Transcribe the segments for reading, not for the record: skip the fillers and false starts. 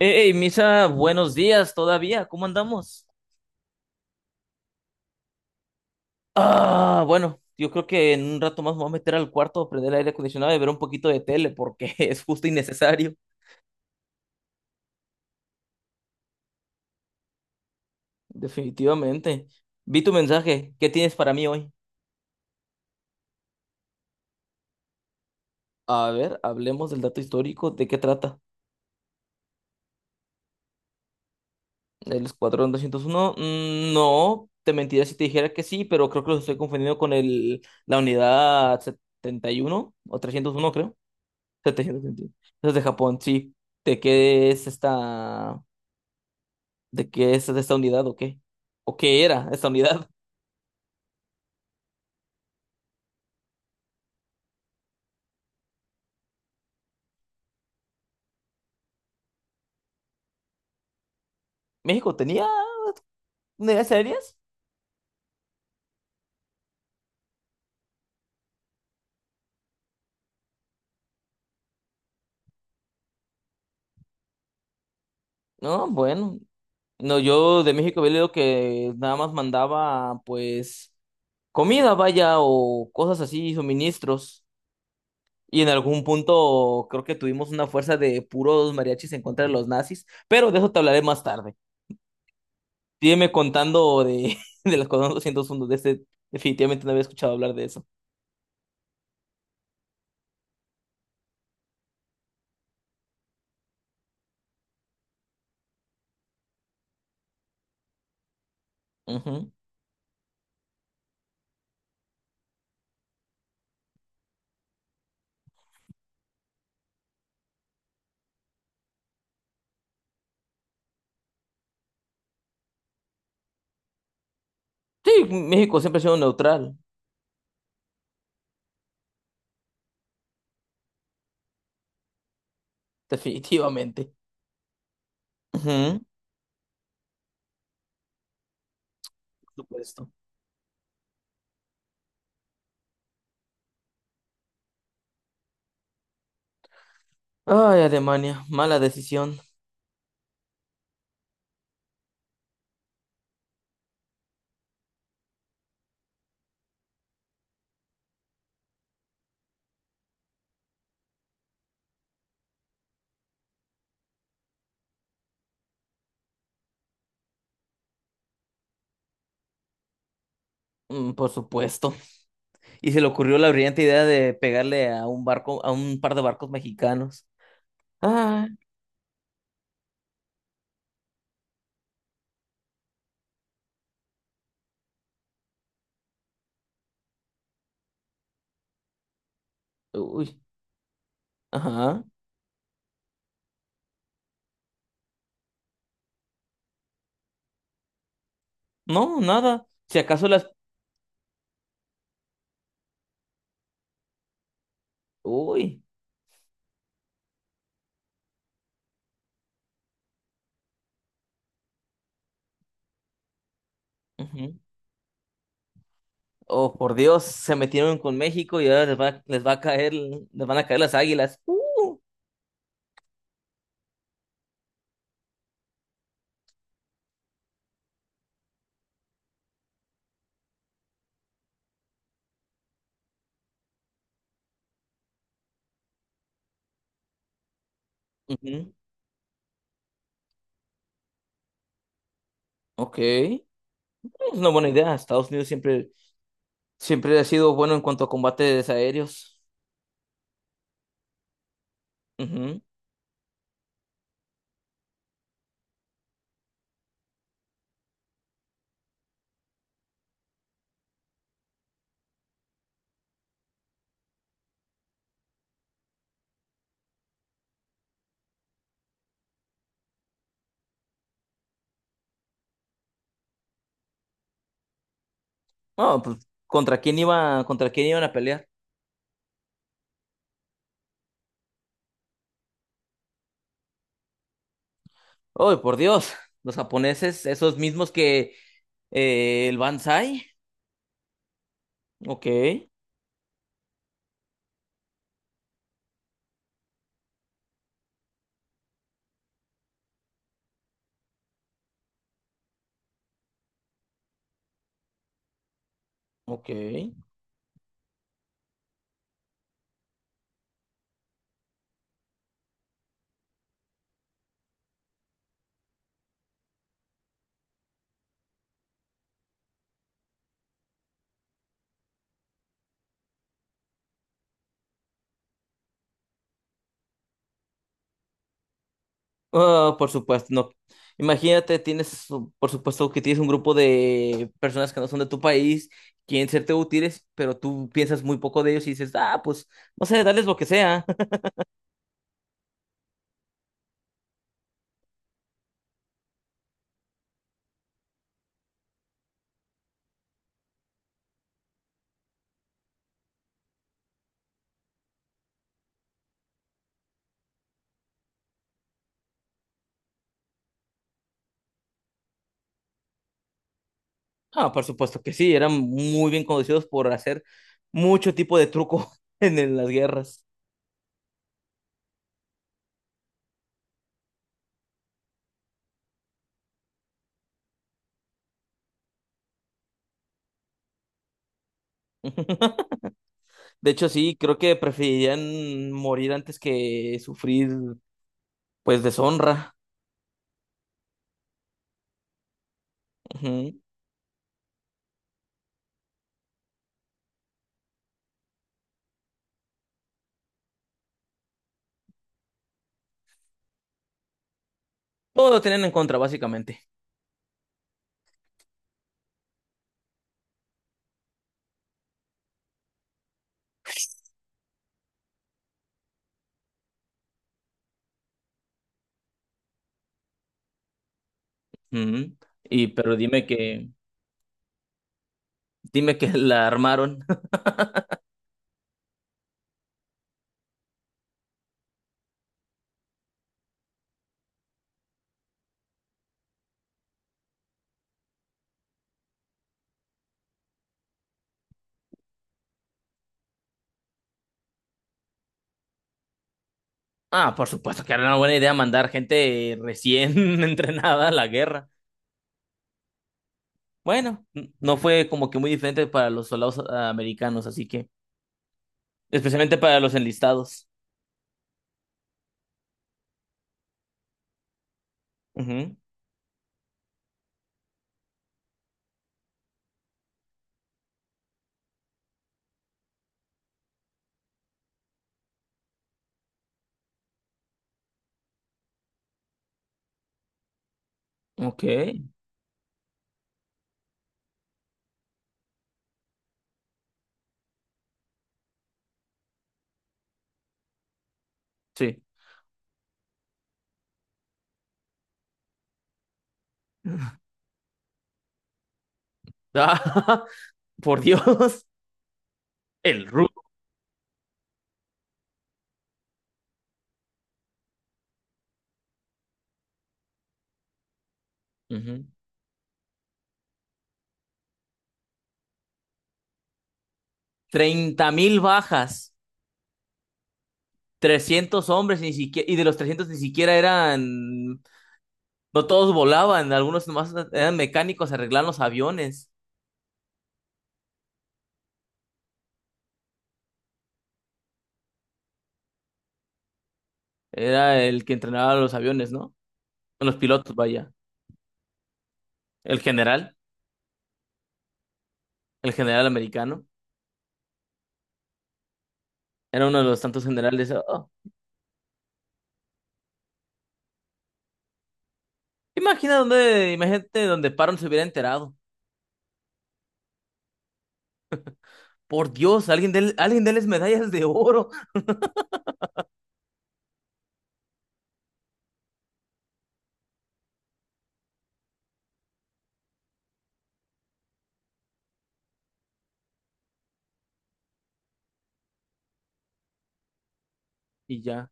Hey, Misa, buenos días todavía, ¿cómo andamos? Ah, bueno, yo creo que en un rato más me voy a meter al cuarto, prender el aire acondicionado y ver un poquito de tele porque es justo y necesario. Definitivamente. Vi tu mensaje, ¿qué tienes para mí hoy? A ver, hablemos del dato histórico, ¿de qué trata? ¿El Escuadrón 201? Mm, no, te mentiría si te dijera que sí, pero creo que los estoy confundiendo con la unidad 71 o 301, creo. Estrategia de sentido. Eso es de Japón, sí. ¿De qué es esta? ¿De qué es esta unidad o qué? ¿O qué era esta unidad? ¿México tenía unidades aéreas? No, bueno. No, yo de México había leído que nada más mandaba, pues, comida, vaya, o cosas así, suministros. Y en algún punto creo que tuvimos una fuerza de puros mariachis en contra de los nazis, pero de eso te hablaré más tarde. Sígueme contando de, de las cosas 201 de este, definitivamente no había escuchado hablar de eso. Ujú. Sí, México siempre ha sido neutral. Definitivamente. Ujú. Por supuesto. Ay, Alemania, mala decisión. Mm, por supuesto. Y se le ocurrió la brillante idea de pegarle a un barco, a un par de barcos mexicanos. Ah, uy, ajá. No, nada. Si acaso las... Uy. Ujú. Oh, por Dios, se metieron con México y ahora les va a caer, les van a caer las águilas. Ujú. Ok. Es una buena idea. Estados Unidos siempre, siempre ha sido bueno en cuanto a combates aéreos. Ujú. No, pues, ¿contra quién iban a pelear? ¡Oh, por Dios! Los japoneses, esos mismos que el Banzai. Ok, ok. Ah, por supuesto, no. Imagínate, tienes, por supuesto que tienes un grupo de personas que no son de tu país, quieren serte útiles, pero tú piensas muy poco de ellos y dices, ah, pues, no sé, dales lo que sea. Ah, por supuesto que sí, eran muy bien conocidos por hacer mucho tipo de truco en las guerras. De hecho, sí, creo que preferirían morir antes que sufrir, pues, deshonra. Ujú. Todo lo tenían en contra, básicamente. Ujú. Y, pero dime que la armaron. Ah, por supuesto que era una buena idea mandar gente recién entrenada a la guerra. Bueno, no fue como que muy diferente para los soldados americanos, así que, especialmente para los enlistados. Ujú. Ok, sí. Ah, por Dios, el rudo. Ujú. 30 mil bajas, 300 hombres, ni siquiera, y de los trescientos ni siquiera eran, no todos volaban, algunos nomás eran mecánicos, arreglaban los aviones. Era el que entrenaba los aviones, ¿no? Los pilotos, vaya. El general, el general americano. Era uno de los tantos generales. Oh, imagina dónde, imagínate donde Paron se hubiera enterado. Por Dios, alguien de, alguien déles medallas de oro. Y ya.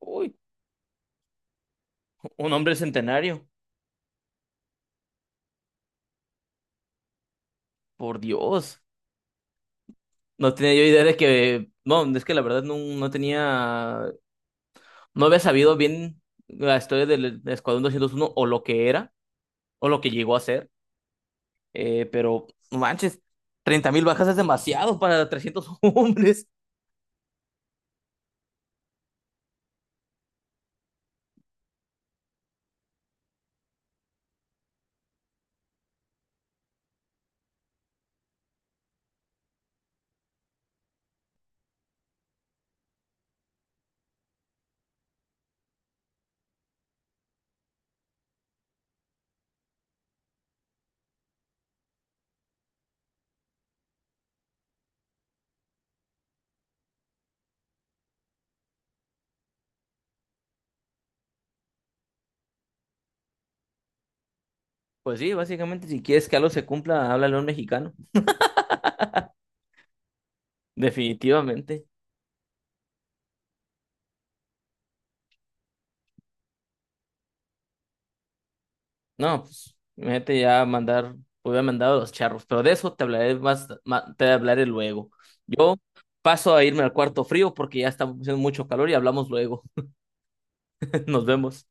Uy. Un hombre centenario, por Dios. No tenía yo idea de que, no, es que la verdad no tenía, no había sabido bien la historia del Escuadrón 201 o lo que era, o lo que llegó a ser, pero no manches, 30,000 bajas es demasiado para 300 hombres. Pues sí, básicamente si quieres que algo se cumpla, háblale a un mexicano, definitivamente. No, pues, imagínate ya mandar, pues, hubiera mandado a los charros, pero de eso te hablaré te hablaré luego. Yo paso a irme al cuarto frío porque ya está haciendo mucho calor y hablamos luego. Nos vemos.